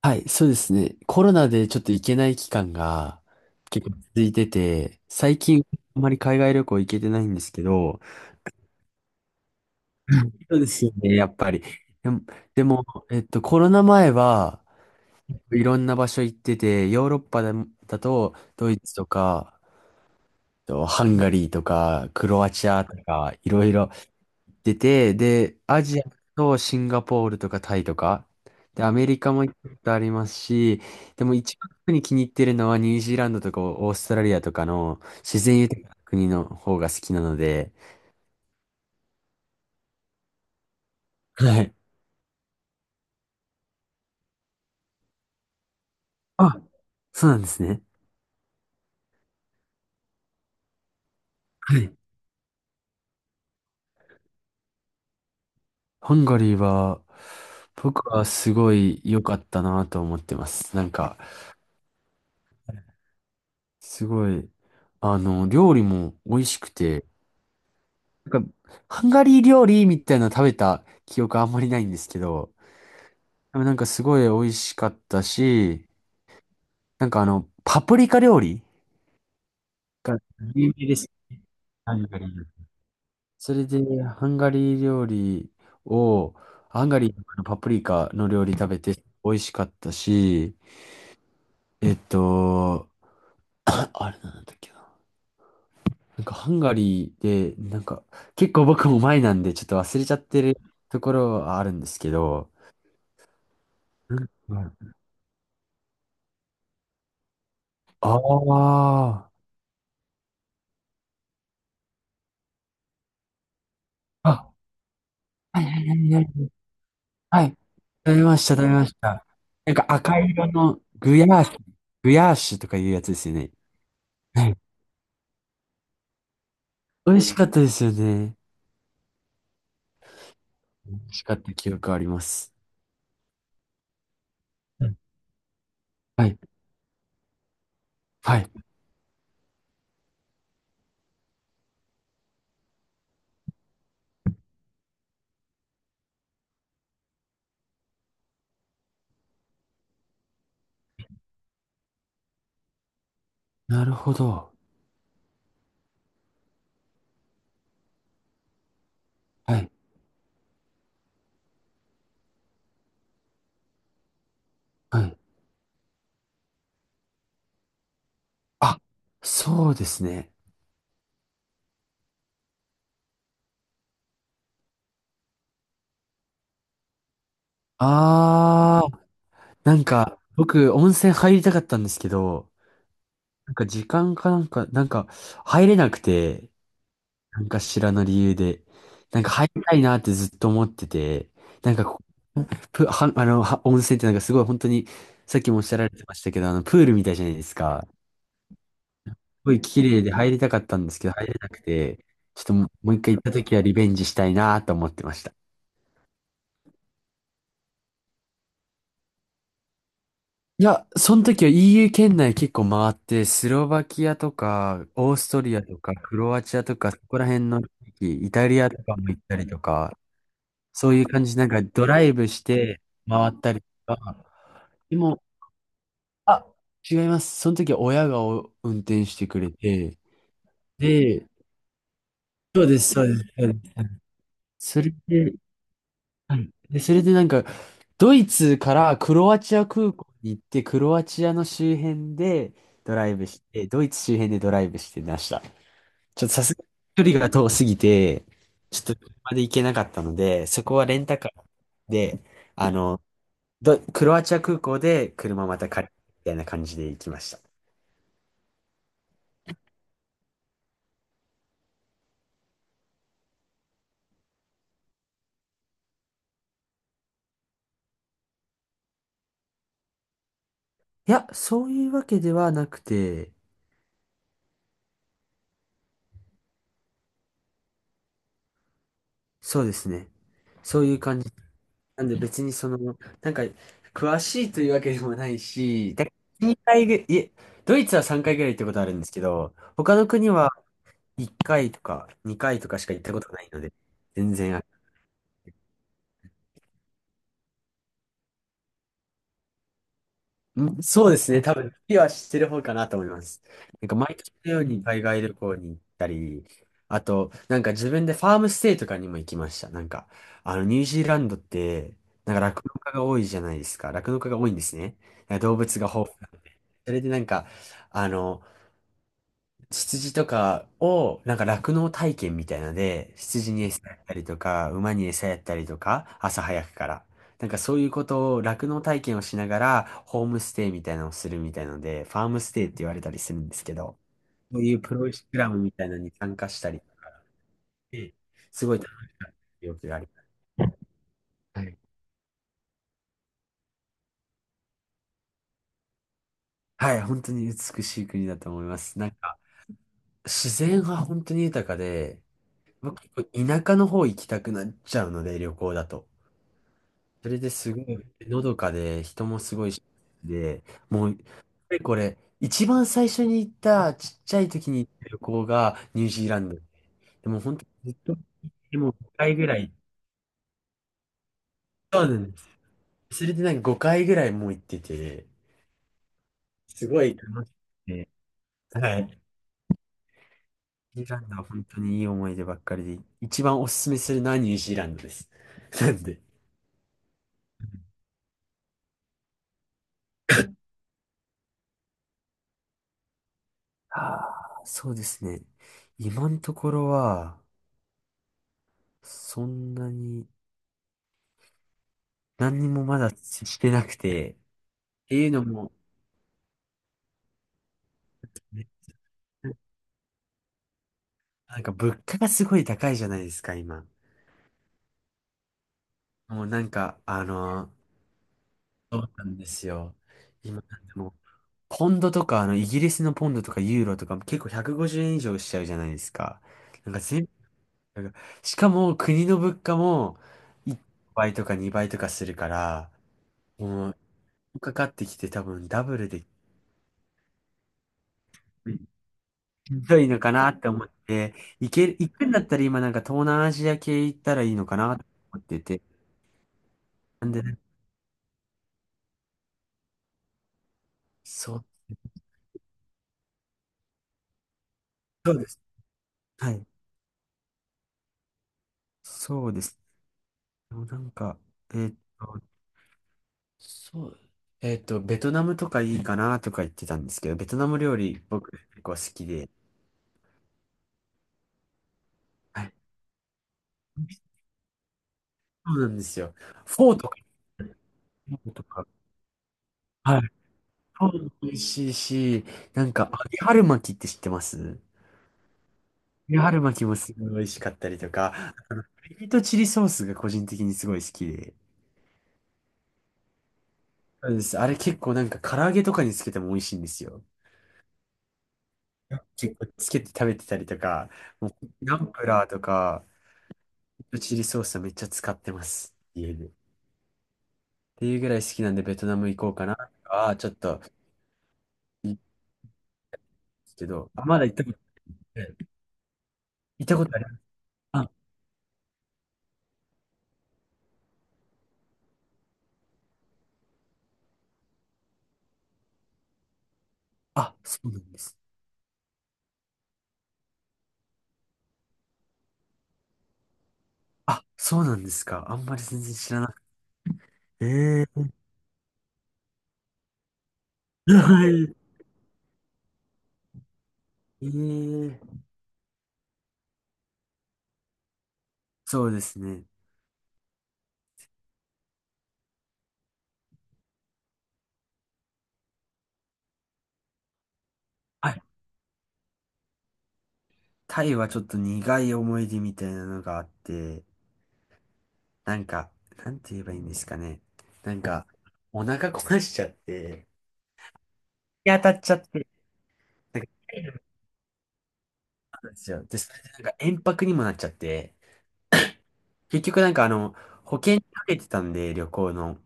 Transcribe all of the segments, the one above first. はい、そうですね。コロナでちょっと行けない期間が結構続いてて、最近あまり海外旅行行けてないんですけど、そうですよね、やっぱり。でも、でもコロナ前はいろんな場所行ってて、ヨーロッパだ、だとドイツとか、ハンガリーとか、クロアチアとか、いろいろ出て、で、アジアとシンガポールとかタイとか、で、アメリカも行ったことありますし、でも一番特に気に入ってるのはニュージーランドとかオーストラリアとかの自然豊かな国の方が好きなので、はい。あ、そうなんですね。はい。ハンガリーは、僕はすごい良かったなと思ってます。なんか、すごい、あの、料理も美味しくて、なんか、ハンガリー料理みたいなの食べた記憶あんまりないんですけど、でもなんかすごい美味しかったし、なんかあの、パプリカ料理が有名です。ハンガリーの。それで、ハンガリー料理を、ハンガリーのパプリカの料理食べて美味しかったし、えっと、あれなんだっけな。なんかハンガリーで、なんか、結構僕も前なんでちょっと忘れちゃってるところはあるんですけど、なんかああー、あ、はいはいはいはいはい。食べました、食べました。なんか赤色のグヤーシュ、グヤーシュとかいうやつですよね。はい。美味しかったですよね。美味しかった記憶あります。うん、はい。はい。なるほど。はい。はい。あ、そうですね。あー、なんか、僕、温泉入りたかったんですけど、なんか時間かなんか、なんか入れなくて、なんか知らぬ理由で、なんか入りたいなってずっと思ってて、なんかこうプ、は、あの、は温泉ってなんかすごい本当に、さっきもおっしゃられてましたけど、あの、プールみたいじゃないですか。すごい綺麗で入りたかったんですけど、入れなくて、ちょっともう、もう一回行った時はリベンジしたいなと思ってました。いや、その時は EU 圏内結構回って、スロバキアとか、オーストリアとか、クロアチアとか、そこら辺の地域、イタリアとかも行ったりとか、そういう感じで、なんかドライブして回ったりとか、でも、あ、違います。その時は親がお運転してくれて、で、そうです、そうです。そうです。それで、はいで、それでなんか、ドイツからクロアチア空港に行って、クロアチアの周辺でドライブして、ドイツ周辺でドライブしてました。ちょっとさすがに距離が遠すぎて、ちょっと車で行けなかったので、そこはレンタカーで、あの、ドクロアチア空港で車また借りてみたいな感じで行きました。いや、そういうわけではなくて、そうですね。そういう感じ。なんで別にその、なんか、詳しいというわけでもないし、だ2回ぐ、いえ、ドイツは3回ぐらい行ったことあるんですけど、他の国は1回とか2回とかしか行ったことないので、全然あ、そうですね、多分、次は知ってる方かなと思います。なんか毎年のように海外旅行に行ったり、あと、なんか自分でファームステイとかにも行きました。なんか、あの、ニュージーランドって、なんか酪農家が多いじゃないですか。酪農家が多いんですね。動物が豊富。それでなんか、あの、羊とかを、なんか酪農体験みたいなので、羊に餌やったりとか、馬に餌やったりとか、朝早くから。なんかそういうことを、酪農体験をしながら、ホームステイみたいなのをするみたいなので、ファームステイって言われたりするんですけど、そういうプログラムみたいなのに参加したりすごい楽しかった記憶があります。はい、はい本当に美しい国だと思います。なんか、自然が本当に豊かで、僕結構田舎の方行きたくなっちゃうので、旅行だと。それですごいのどかで、人もすごいし、で、もう、これ、一番最初に行った、ちっちゃい時に行った旅行がニュージーランド。でも本当ずっと、でも5回ぐらい。そうなんです。それでなんか5回ぐらいもう行ってて、すごい楽しくて、はい。ニュージーランドは本当にいい思い出ばっかりで、一番おすすめするのはニュージーランドです。なんで。ああ、そうですね。今のところは、そんなに、何にもまだしてなくて、っていうのも、ね、なんか物価がすごい高いじゃないですか、今。もうなんか、あの、そうなんですよ。今、でも、ポンドとか、あの、イギリスのポンドとかユーロとか、結構150円以上しちゃうじゃないですか。なんか全、なんかしかも国の物価も1倍とか2倍とかするから、もう、かかってきて多分ダブルでひどいのかなって思って、行ける、行くんだったら今なんか東南アジア系行ったらいいのかなって思ってて。なんで、そう、そうです。はい。そうです。でもなんか、えーっと、そう、ベトナムとかいいかなとか言ってたんですけど、ベトナム料理僕結構好きで、はい。そうなんですよ。フォーとか、フォーとか、はい。フォーも美味しいし、なんか、揚げ春巻きって知ってます、揚げ春巻きもすごい美味しかったりとか、ピリとチリソースが個人的にすごい好きで。そうです。あれ結構なんか唐揚げとかにつけても美味しいんですよ。結構つけて食べてたりとか、もうナンプラーとか、リとチリソースはめっちゃ使ってます。家で。っていうぐらい好きなんでベトナム行こうかな。ああ、ちょっと、いいですけど。あ、まだ行ったことない。行ったことあります。あ、あ、そうなんです。あ、そうなんですか。あんまり全然知らなくて。ええー。はい。ええー。そうですね。はい。タイはちょっと苦い思い出みたいなのがあって、なんか、なんて言えばいいんですかね。なんか、お腹壊しちゃって、日当たっちゃって。なんかそうですよ。で、それでなんか延泊にもなっちゃって、結局なんかあの、保険にかけてたんで、旅行の。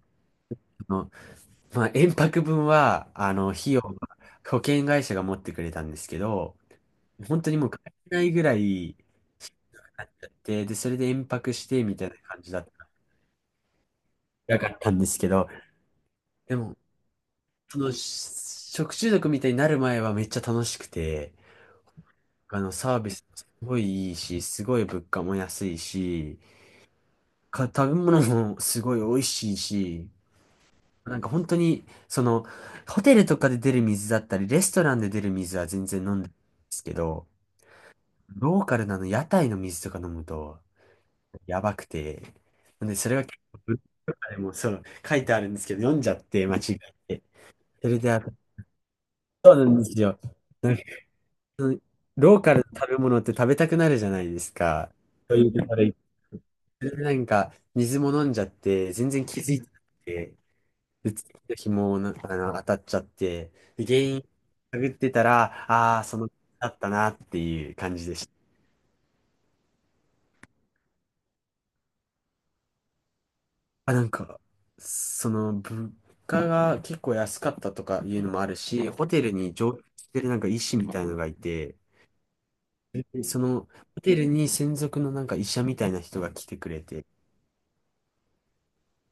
あの、まあ、延泊分は、あの、費用は保険会社が持ってくれたんですけど、本当にもう帰れないぐらいで、で、それで延泊してみたいな感じだった。なかったんですけど、でも、その、し食中毒みたいになる前はめっちゃ楽しくて、あの、サービスもすごいいいし、すごい物価も安いし、か、食べ物もすごい美味しいし、なんか本当に、その、ホテルとかで出る水だったり、レストランで出る水は全然飲んでるんですけど、ローカルなの屋台の水とか飲むと、やばくて、なんでそれが結構文化でもそう、書いてあるんですけど、読んじゃって、間違えて。それで、あと、そうなんですよ。そのローカルの食べ物って食べたくなるじゃないですか。そういうところ行ってそれでなんか、水も飲んじゃって、全然気づいてなくて、で、次の日もな、あの、当たっちゃって、で原因探ってたら、ああー、その、だったなっていう感じでした。あ、なんか、その、物価が結構安かったとかいうのもあるし、ホテルに常駐してるなんか医師みたいのがいて、でその、ホテルに専属のなんか医者みたいな人が来てくれて、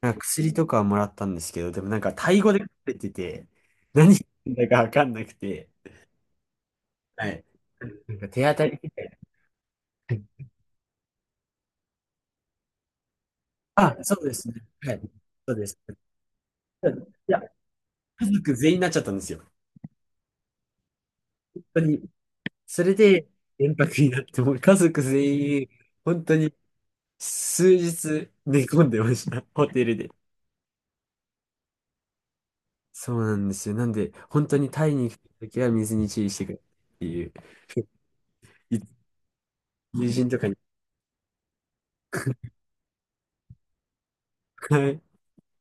なんか薬とかはもらったんですけど、でもなんかタイ語で書かれてて、何言ってんだかわかんなくて、はい。なんか手当たりみたいな。あ、そうですね。はい。そうです。いや、家族全員になっちゃったんですよ。本当に。それで、連泊になって、もう家族全員、本当に数日寝込んでました。ホテルで。そうなんですよ。なんで、本当にタイに行くときは水に注意してくれっていう、友人とかに。はい。